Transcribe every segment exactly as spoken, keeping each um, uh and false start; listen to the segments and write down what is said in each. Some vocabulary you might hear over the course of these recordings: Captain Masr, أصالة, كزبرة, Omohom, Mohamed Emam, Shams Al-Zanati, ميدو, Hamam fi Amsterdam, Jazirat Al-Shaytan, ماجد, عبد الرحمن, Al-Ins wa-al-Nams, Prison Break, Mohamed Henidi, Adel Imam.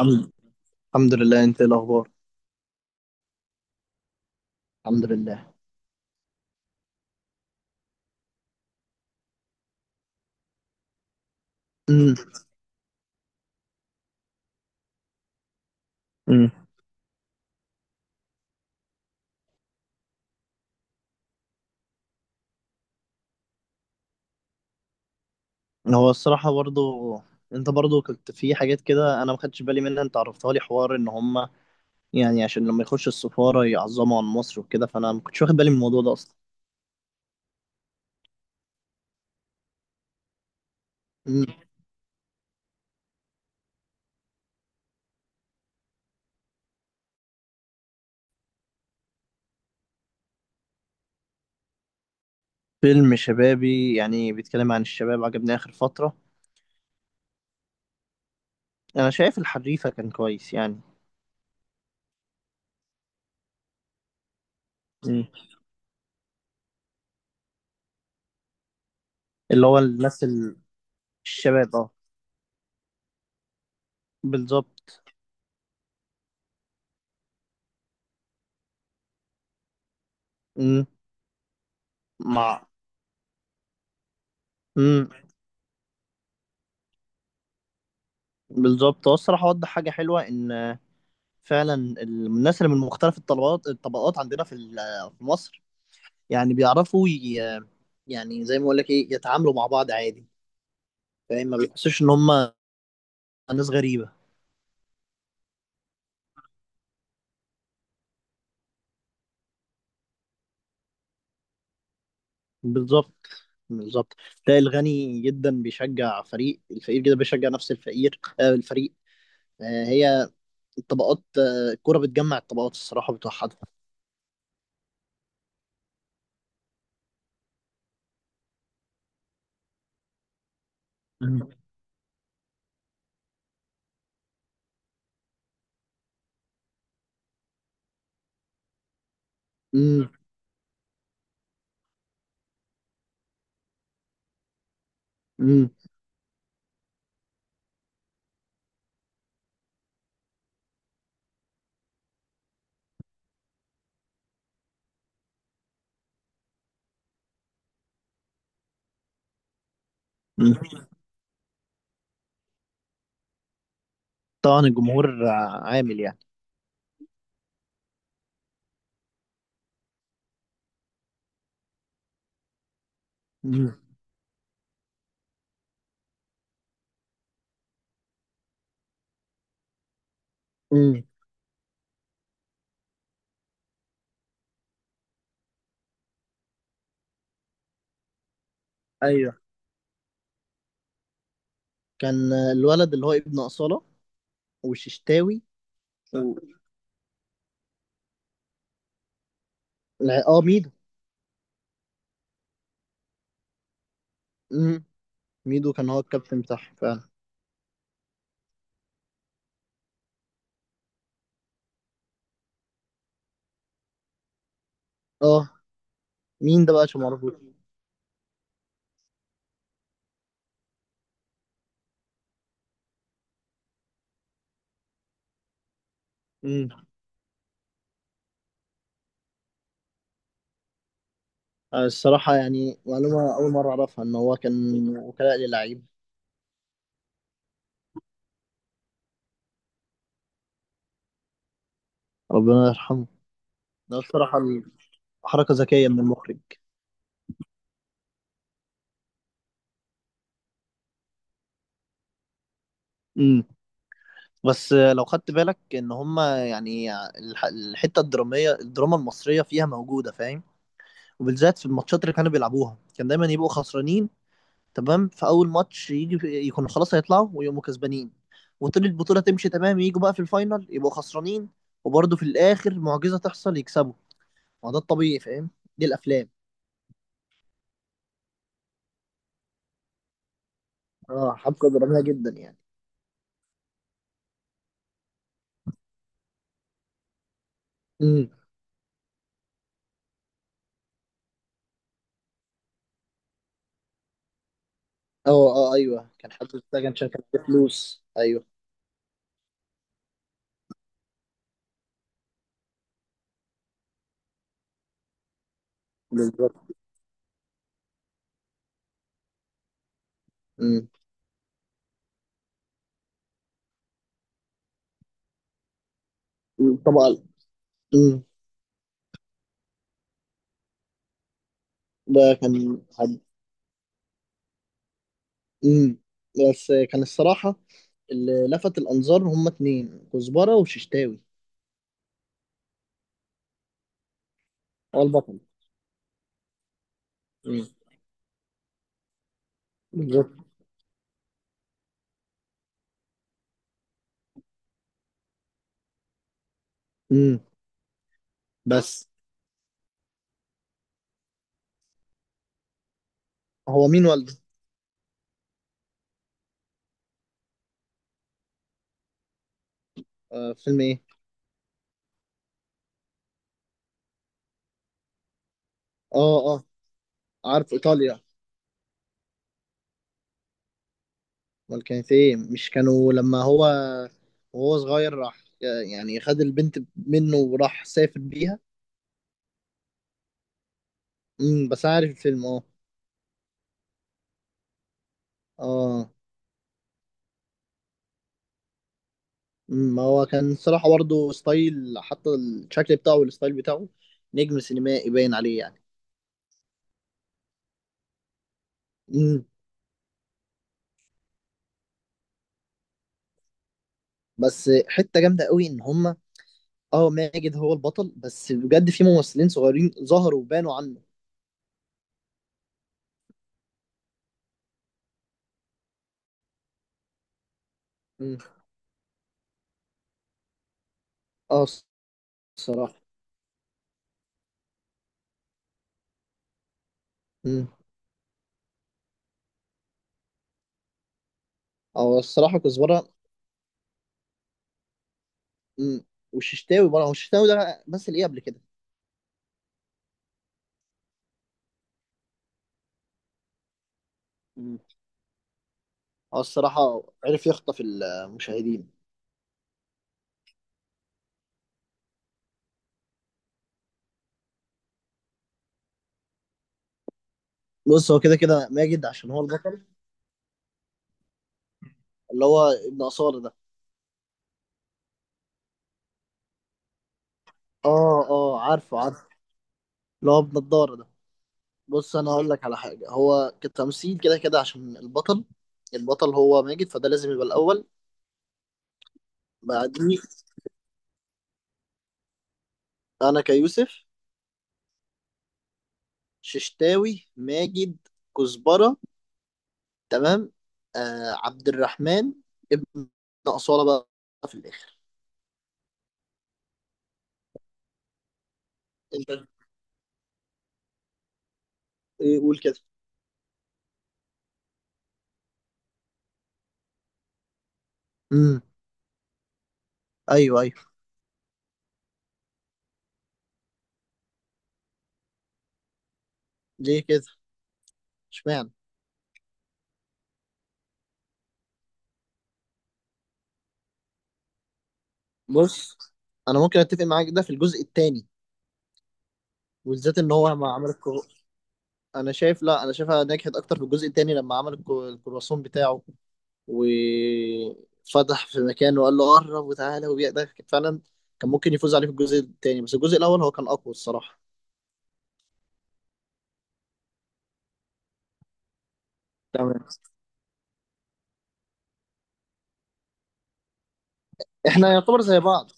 الحمد الحمد لله. انت ايه الاخبار؟ الحمد لله. امم. امم. هو الصراحه برضو، انت برضو كنت في حاجات كده انا ما خدتش بالي منها، انت عرفتها لي، حوار ان هم يعني عشان لما يخش السفاره يعظموا عن مصر وكده، فانا ما كنتش واخد بالي من الموضوع ده اصلا. امم. فيلم شبابي يعني بيتكلم عن الشباب عجبني اخر فتره. انا شايف الحريفه كان كويس يعني. مم. اللي هو الناس ال- الشباب، اه، بالظبط. امم. مع. امم. بالظبط. هو الصراحه وضح حاجه حلوه، ان فعلا الناس اللي من مختلف الطلبات الطبقات عندنا في ال- في مصر، يعني بيعرفوا ي- يعني زي ما اقول لك ايه، يتعاملوا مع بعض عادي، فاهم، ما بيحسوش ان هم ناس غريبة. بالظبط. بالظبط. تلاقي الغني جدا بيشجع فريق، الفقير جدا بيشجع نفس الفقير آه الفريق. آه هي الطبقات، آه الكرة بتجمع الطبقات، الصراحة بتوحدها. مم. مم. مم. مم. طبعا الجمهور عامل يعني. مم. مم. ايوه، كان الولد اللي هو ابن أصالة وششتاوي و... لا، اه، ميدو. امم. ميدو كان هو الكابتن بتاعهم فعلا. اه، مين ده بقى عشان ما اعرفوش؟ امم. الصراحة يعني معلومة أول مرة أعرفها، إن هو كان وكلاء للعيب. ربنا يرحمه. ده الصراحة حركة ذكية من المخرج. امم. بس لو خدت بالك إن هما يعني الح- الحتة الدرامية، الدراما المصرية فيها موجودة، فاهم، وبالذات في الماتشات اللي كانوا بيلعبوها كان دايما يبقوا خسرانين. تمام، في اول ماتش يجي يكونوا خلاص هيطلعوا ويقوموا كسبانين، وطول البطوله تمشي تمام، يجوا بقى في الفاينل يبقوا خسرانين، وبرضه في الاخر معجزه تحصل يكسبوا. ما ده الطبيعي، فاهم، دي الافلام. اه، حبكه دراميه جدا يعني. امم. اه، اه، ايوه، كان حد اتسجن عشان كان معاه فلوس، ايوه. بالظبط. امم. طبعا. امم. ده كان حد. امم. بس كان الصراحه اللي لفت الانظار هما اتنين، كزبره وششتاوي. هو البطل. امم. بالظبط. امم. بس هو مين والده؟ آه فيلم ايه؟ اه، اه، عارف، ايطاليا. امال كانت ايه؟ مش كانوا لما هو وهو صغير راح يعني خد البنت منه وراح سافر بيها؟ امم، بس أنا عارف الفيلم، اه. اه، أمم، ما هو كان صراحة برضه ستايل، حتى الشكل بتاعه والستايل بتاعه نجم سينمائي باين عليه يعني. امم. بس حتة جامدة قوي، ان هما اه، ماجد هو البطل، بس بجد في ممثلين صغيرين ظهروا وبانوا عنه. امم. اه. الصراحة. امم. اه. الصراحة كزبرة. مم. والششتاوي برضه، هو الششتاوي ده مثل ايه قبل كده؟ مم. هو الصراحة عرف يخطف المشاهدين. بص، هو كده كده ماجد عشان هو البطل، اللي هو ابن أصالة ده. اه، اه، عارفه، عارفه. اللي هو ابن الدار ده. بص، انا هقول لك على حاجة، هو كتمثيل كده كده عشان البطل، البطل هو ماجد، فده لازم يبقى الأول، بعديه أنا كيوسف، ششتاوي، ماجد، كزبرة، تمام، آه عبد الرحمن، ابن أصالة بقى في الآخر. انت ايه، قول كده. امم. ايوه، ايوه. ليه كده؟ اشمعنى؟ بص، انا ممكن اتفق معاك ده في الجزء الثاني، وبالذات ان هو ما عمل الكرو... انا شايف، لا، انا شايفها نجحت اكتر في الجزء الثاني لما عمل الكرو- الكرواسون بتاعه وفتح في مكان وقال له قرب وتعالى، وبيقدر كان فعلا كان ممكن يفوز عليه في الجزء الثاني، بس الجزء الاول هو كان اقوى الصراحه. تمام. احنا يعتبر زي بعض.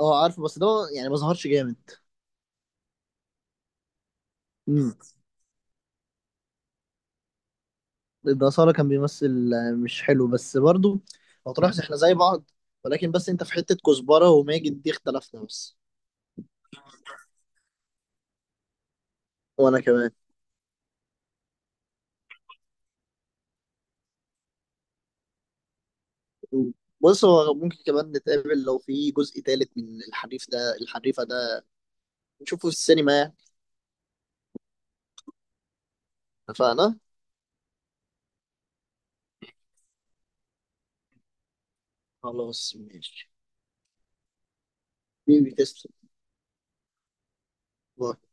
اه، عارف بس ده يعني ما ظهرش جامد. الأصالة كان بيمثل آه، مش حلو، بس برضو لو تلاحظ احنا زي بعض، ولكن بس انت في حتة كزبرة وماجد دي اختلفنا بس. وانا كمان. بص، هو ممكن كمان نتقابل لو في جزء تالت من الحريف ده الحريفة ده، نشوفه في السينما يعني. اتفقنا؟ خلاص، ماشي. بيبي، تسلم. باي.